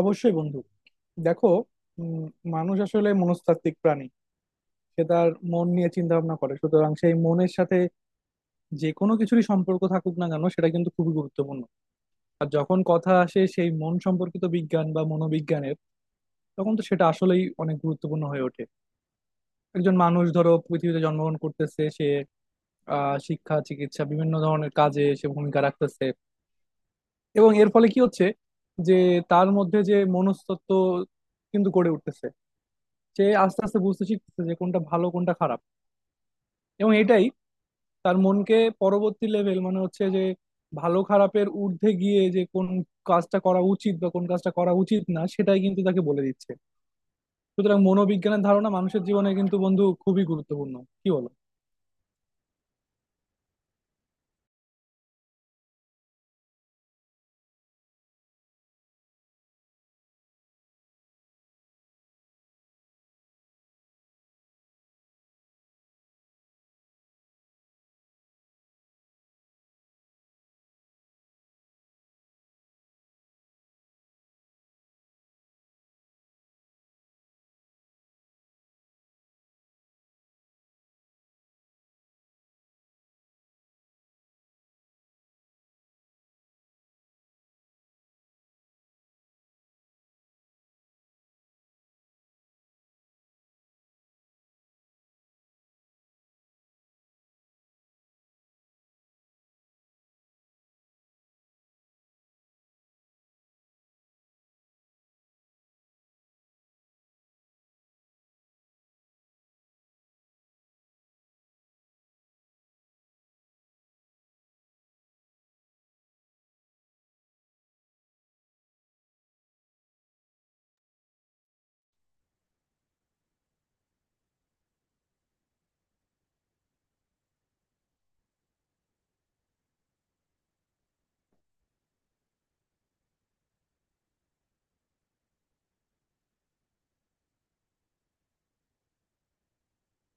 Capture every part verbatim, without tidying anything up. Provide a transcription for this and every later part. অবশ্যই বন্ধু, দেখো, উম, মানুষ আসলে মনস্তাত্ত্বিক প্রাণী। সে তার মন নিয়ে চিন্তা ভাবনা করে, সুতরাং সেই মনের সাথে যে কোনো কিছুরই সম্পর্ক থাকুক না কেন সেটা কিন্তু খুবই গুরুত্বপূর্ণ। আর যখন কথা আসে সেই মন সম্পর্কিত বিজ্ঞান বা মনোবিজ্ঞানের, তখন তো সেটা আসলেই অনেক গুরুত্বপূর্ণ হয়ে ওঠে। একজন মানুষ ধরো পৃথিবীতে জন্মগ্রহণ করতেছে, সে আহ শিক্ষা, চিকিৎসা, বিভিন্ন ধরনের কাজে সে ভূমিকা রাখতেছে। এবং এর ফলে কি হচ্ছে যে তার মধ্যে যে মনস্তত্ত্ব কিন্তু গড়ে উঠতেছে, সে আস্তে আস্তে বুঝতে শিখতেছে যে কোনটা ভালো, কোনটা খারাপ। এবং এটাই তার মনকে পরবর্তী লেভেল মানে হচ্ছে যে ভালো খারাপের ঊর্ধ্বে গিয়ে যে কোন কাজটা করা উচিত বা কোন কাজটা করা উচিত না, সেটাই কিন্তু তাকে বলে দিচ্ছে। সুতরাং মনোবিজ্ঞানের ধারণা মানুষের জীবনে কিন্তু বন্ধু খুবই গুরুত্বপূর্ণ। কি বলো?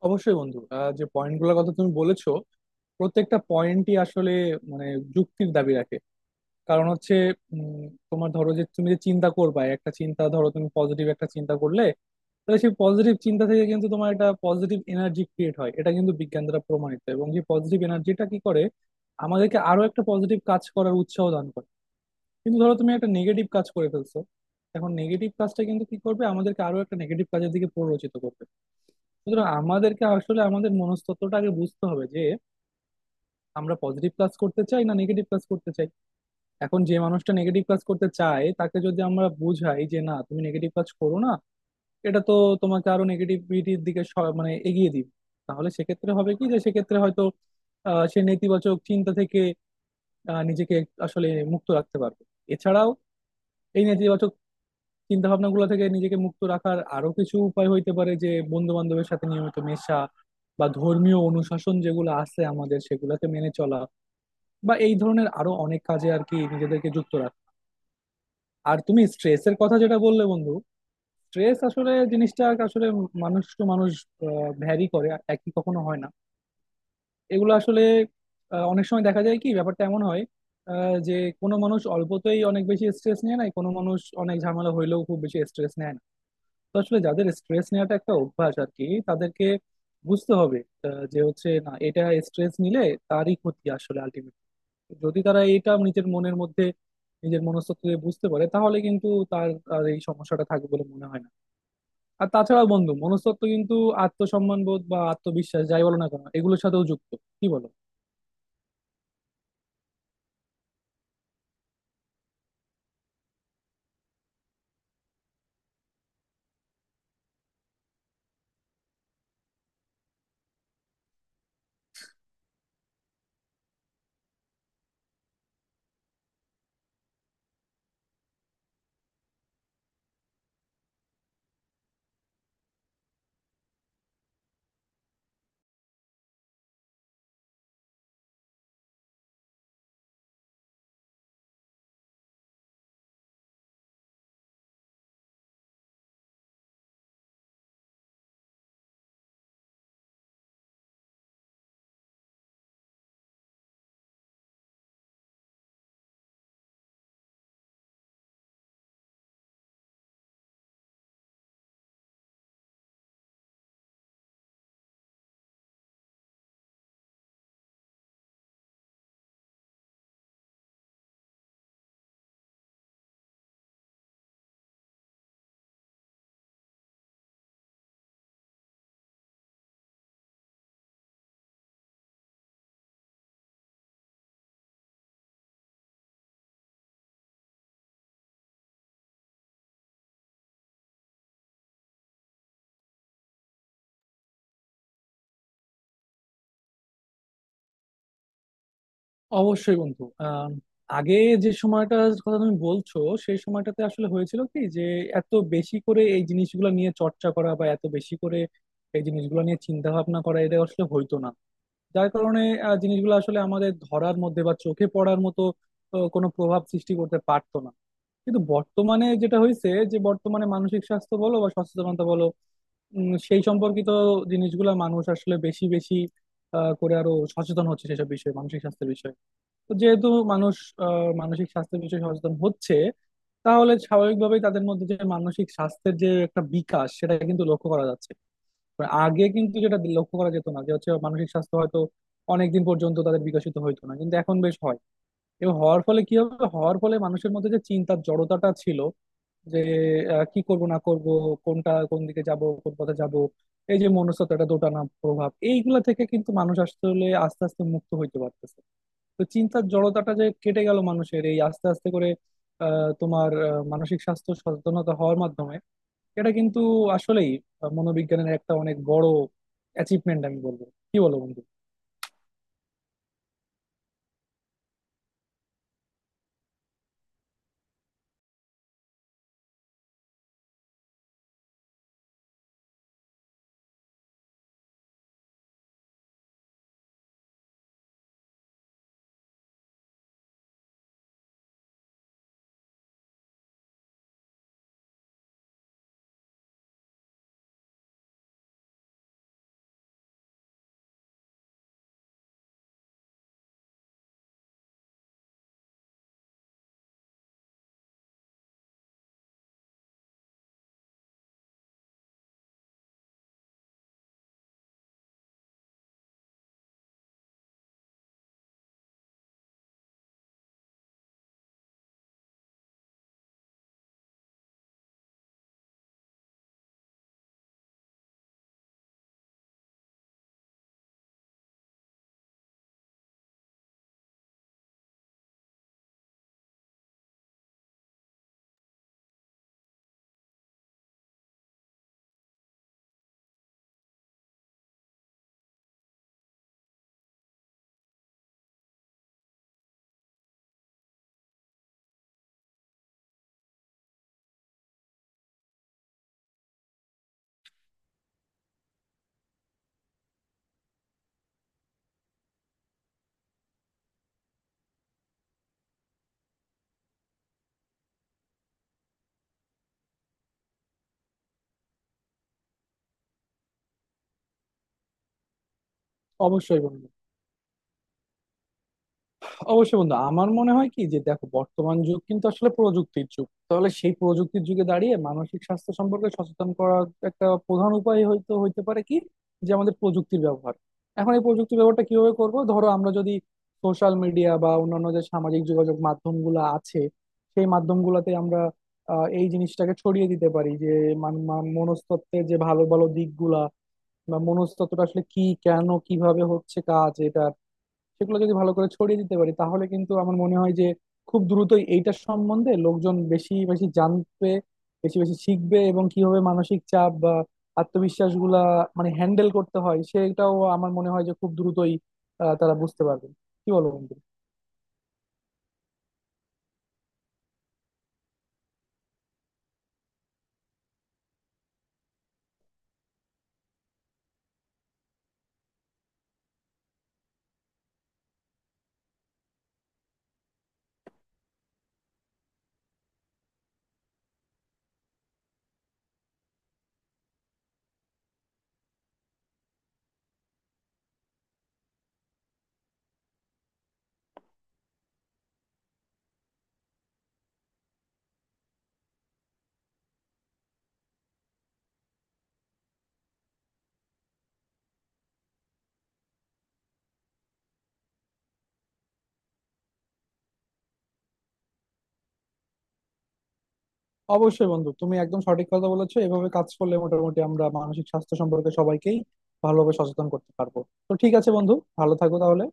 অবশ্যই বন্ধু, আহ, যে পয়েন্ট গুলোর কথা তুমি বলেছো প্রত্যেকটা পয়েন্টই আসলে, মানে, যুক্তির দাবি রাখে। কারণ হচ্ছে, উম, তোমার ধরো যে তুমি যে চিন্তা করবা, একটা চিন্তা, ধরো তুমি পজিটিভ একটা চিন্তা করলে, তাহলে সেই পজিটিভ চিন্তা থেকে কিন্তু তোমার একটা পজিটিভ এনার্জি ক্রিয়েট হয়। এটা কিন্তু বিজ্ঞান দ্বারা প্রমাণিত। এবং যে পজিটিভ এনার্জিটা কি করে, আমাদেরকে আরো একটা পজিটিভ কাজ করার উৎসাহ দান করে। কিন্তু ধরো তুমি একটা নেগেটিভ কাজ করে ফেলছো, এখন নেগেটিভ কাজটা কিন্তু কি করবে, আমাদেরকে আরো একটা নেগেটিভ কাজের দিকে প্ররোচিত করবে। সুতরাং আমাদেরকে আসলে আমাদের মনস্তত্ত্বটা আগে বুঝতে হবে যে আমরা পজিটিভ কাজ করতে চাই, না নেগেটিভ কাজ করতে চাই। এখন যে মানুষটা নেগেটিভ কাজ করতে চায় তাকে যদি আমরা বুঝাই যে না, তুমি নেগেটিভ কাজ করো না, এটা তো তোমাকে আরো নেগেটিভিটির দিকে স- মানে এগিয়ে দিবে। তাহলে সেক্ষেত্রে হবে কি, যে সেক্ষেত্রে হয়তো আহ, সে নেতিবাচক চিন্তা থেকে আহ, নিজেকে আসলে মুক্ত রাখতে পারবে। এছাড়াও এই নেতিবাচক চিন্তা ভাবনা গুলো থেকে নিজেকে মুক্ত রাখার আরো কিছু উপায় হইতে পারে, যে বন্ধু বান্ধবের সাথে নিয়মিত মেশা, বা ধর্মীয় অনুশাসন যেগুলো আছে আমাদের সেগুলোকে মেনে চলা, বা এই ধরনের আরো অনেক কাজে আর কি নিজেদেরকে যুক্ত রাখা। আর তুমি স্ট্রেসের কথা যেটা বললে বন্ধু, স্ট্রেস আসলে জিনিসটা আসলে মানুষ টু মানুষ ভ্যারি করে, একই কখনো হয় না। এগুলো আসলে আহ, অনেক সময় দেখা যায় কি, ব্যাপারটা এমন হয় আহ, যে কোনো মানুষ অল্পতেই অনেক বেশি স্ট্রেস নেয় না, কোনো মানুষ অনেক ঝামেলা হইলেও খুব বেশি স্ট্রেস নেয় না। তো আসলে যাদের স্ট্রেস নেওয়াটা একটা অভ্যাস আর কি, তাদেরকে বুঝতে হবে আহ, যে হচ্ছে না, এটা স্ট্রেস নিলে তারই ক্ষতি আসলে আলটিমেটলি। যদি তারা এটা নিজের মনের মধ্যে, নিজের মনস্তত্ত্বে বুঝতে পারে তাহলে কিন্তু তার আর এই সমস্যাটা থাকবে বলে মনে হয় না। আর তাছাড়া বন্ধু, মনস্তত্ত্ব কিন্তু আত্মসম্মান বোধ বা আত্মবিশ্বাস যাই বলো না কেন এগুলোর সাথেও যুক্ত। কি বলো? অবশ্যই বন্ধু, আহ আগে যে সময়টার কথা তুমি বলছো সেই সময়টাতে আসলে হয়েছিল কি, যে এত বেশি করে এই জিনিসগুলো নিয়ে চর্চা করা বা এত বেশি করে এই জিনিসগুলো নিয়ে চিন্তা ভাবনা করা এটা আসলে হইতো না। যার কারণে আহ, জিনিসগুলো আসলে আমাদের ধরার মধ্যে বা চোখে পড়ার মতো আহ, কোনো প্রভাব সৃষ্টি করতে পারতো না। কিন্তু বর্তমানে যেটা হয়েছে, যে বর্তমানে মানসিক স্বাস্থ্য বলো বা সচেতনতা বলো, উম, সেই সম্পর্কিত জিনিসগুলা মানুষ আসলে বেশি বেশি আহ, করে আরো সচেতন হচ্ছে সেসব বিষয়ে, মানসিক স্বাস্থ্যের বিষয়ে। তো যেহেতু মানুষ আহ, মানসিক স্বাস্থ্যের বিষয়ে সচেতন হচ্ছে, তাহলে স্বাভাবিকভাবেই তাদের মধ্যে যে মানসিক স্বাস্থ্যের যে একটা বিকাশ সেটা কিন্তু লক্ষ্য করা যাচ্ছে। তো আগে কিন্তু যেটা লক্ষ্য করা যেত না যে হচ্ছে মানসিক স্বাস্থ্য হয়তো অনেকদিন পর্যন্ত তাদের বিকশিত হইতো না, কিন্তু এখন বেশ হয়। এবং হওয়ার ফলে কি হবে, হওয়ার ফলে মানুষের মধ্যে যে চিন্তার জড়তাটা ছিল, যে আহ, কি করব না করব, কোনটা কোন দিকে যাব, কোন পথে যাব, এই যে মনস্তত্ত্বটা দোটানা প্রভাব, এইগুলা থেকে কিন্তু মানুষ আসলে আস্তে আস্তে মুক্ত হইতে পারতেছে। তো চিন্তার জড়তাটা যে কেটে গেল মানুষের এই আস্তে আস্তে করে, আহ তোমার আহ, মানসিক স্বাস্থ্য সচেতনতা হওয়ার মাধ্যমে, এটা কিন্তু আসলেই মনোবিজ্ঞানের একটা অনেক বড় অ্যাচিভমেন্ট আমি বলবো। কি বলো বন্ধু? অবশ্যই বন্ধু অবশ্যই বন্ধু, আমার মনে হয় কি, যে দেখো, বর্তমান যুগ কিন্তু আসলে প্রযুক্তির যুগ। তাহলে সেই প্রযুক্তির যুগে দাঁড়িয়ে মানসিক স্বাস্থ্য সম্পর্কে সচেতন করার একটা প্রধান উপায় হয়তো হইতে পারে কি, যে আমাদের প্রযুক্তির ব্যবহার। এখন এই প্রযুক্তির ব্যবহারটা কিভাবে করব, ধরো আমরা যদি সোশ্যাল মিডিয়া বা অন্যান্য যে সামাজিক যোগাযোগ মাধ্যমগুলো আছে সেই মাধ্যমগুলোতে আমরা আহ, এই জিনিসটাকে ছড়িয়ে দিতে পারি যে মান- মান- মনস্তত্ত্বের যে ভালো ভালো দিকগুলা বা মনস্তত্ত্বটা আসলে কি, কেন, কিভাবে হচ্ছে কাজ এটা, সেগুলো যদি ভালো করে ছড়িয়ে দিতে পারি, তাহলে কিন্তু আমার মনে হয় যে খুব দ্রুতই এইটার সম্বন্ধে লোকজন বেশি বেশি জানবে, বেশি বেশি শিখবে। এবং কিভাবে মানসিক চাপ বা আত্মবিশ্বাস গুলা মানে হ্যান্ডেল করতে হয় সেটাও আমার মনে হয় যে খুব দ্রুতই আহ, তারা বুঝতে পারবে। কি বলো বন্ধু? অবশ্যই বন্ধু, তুমি একদম সঠিক কথা বলেছো। এভাবে কাজ করলে মোটামুটি আমরা মানসিক স্বাস্থ্য সম্পর্কে সবাইকেই ভালোভাবে সচেতন করতে পারবো। তো ঠিক আছে বন্ধু, ভালো থাকো তাহলে।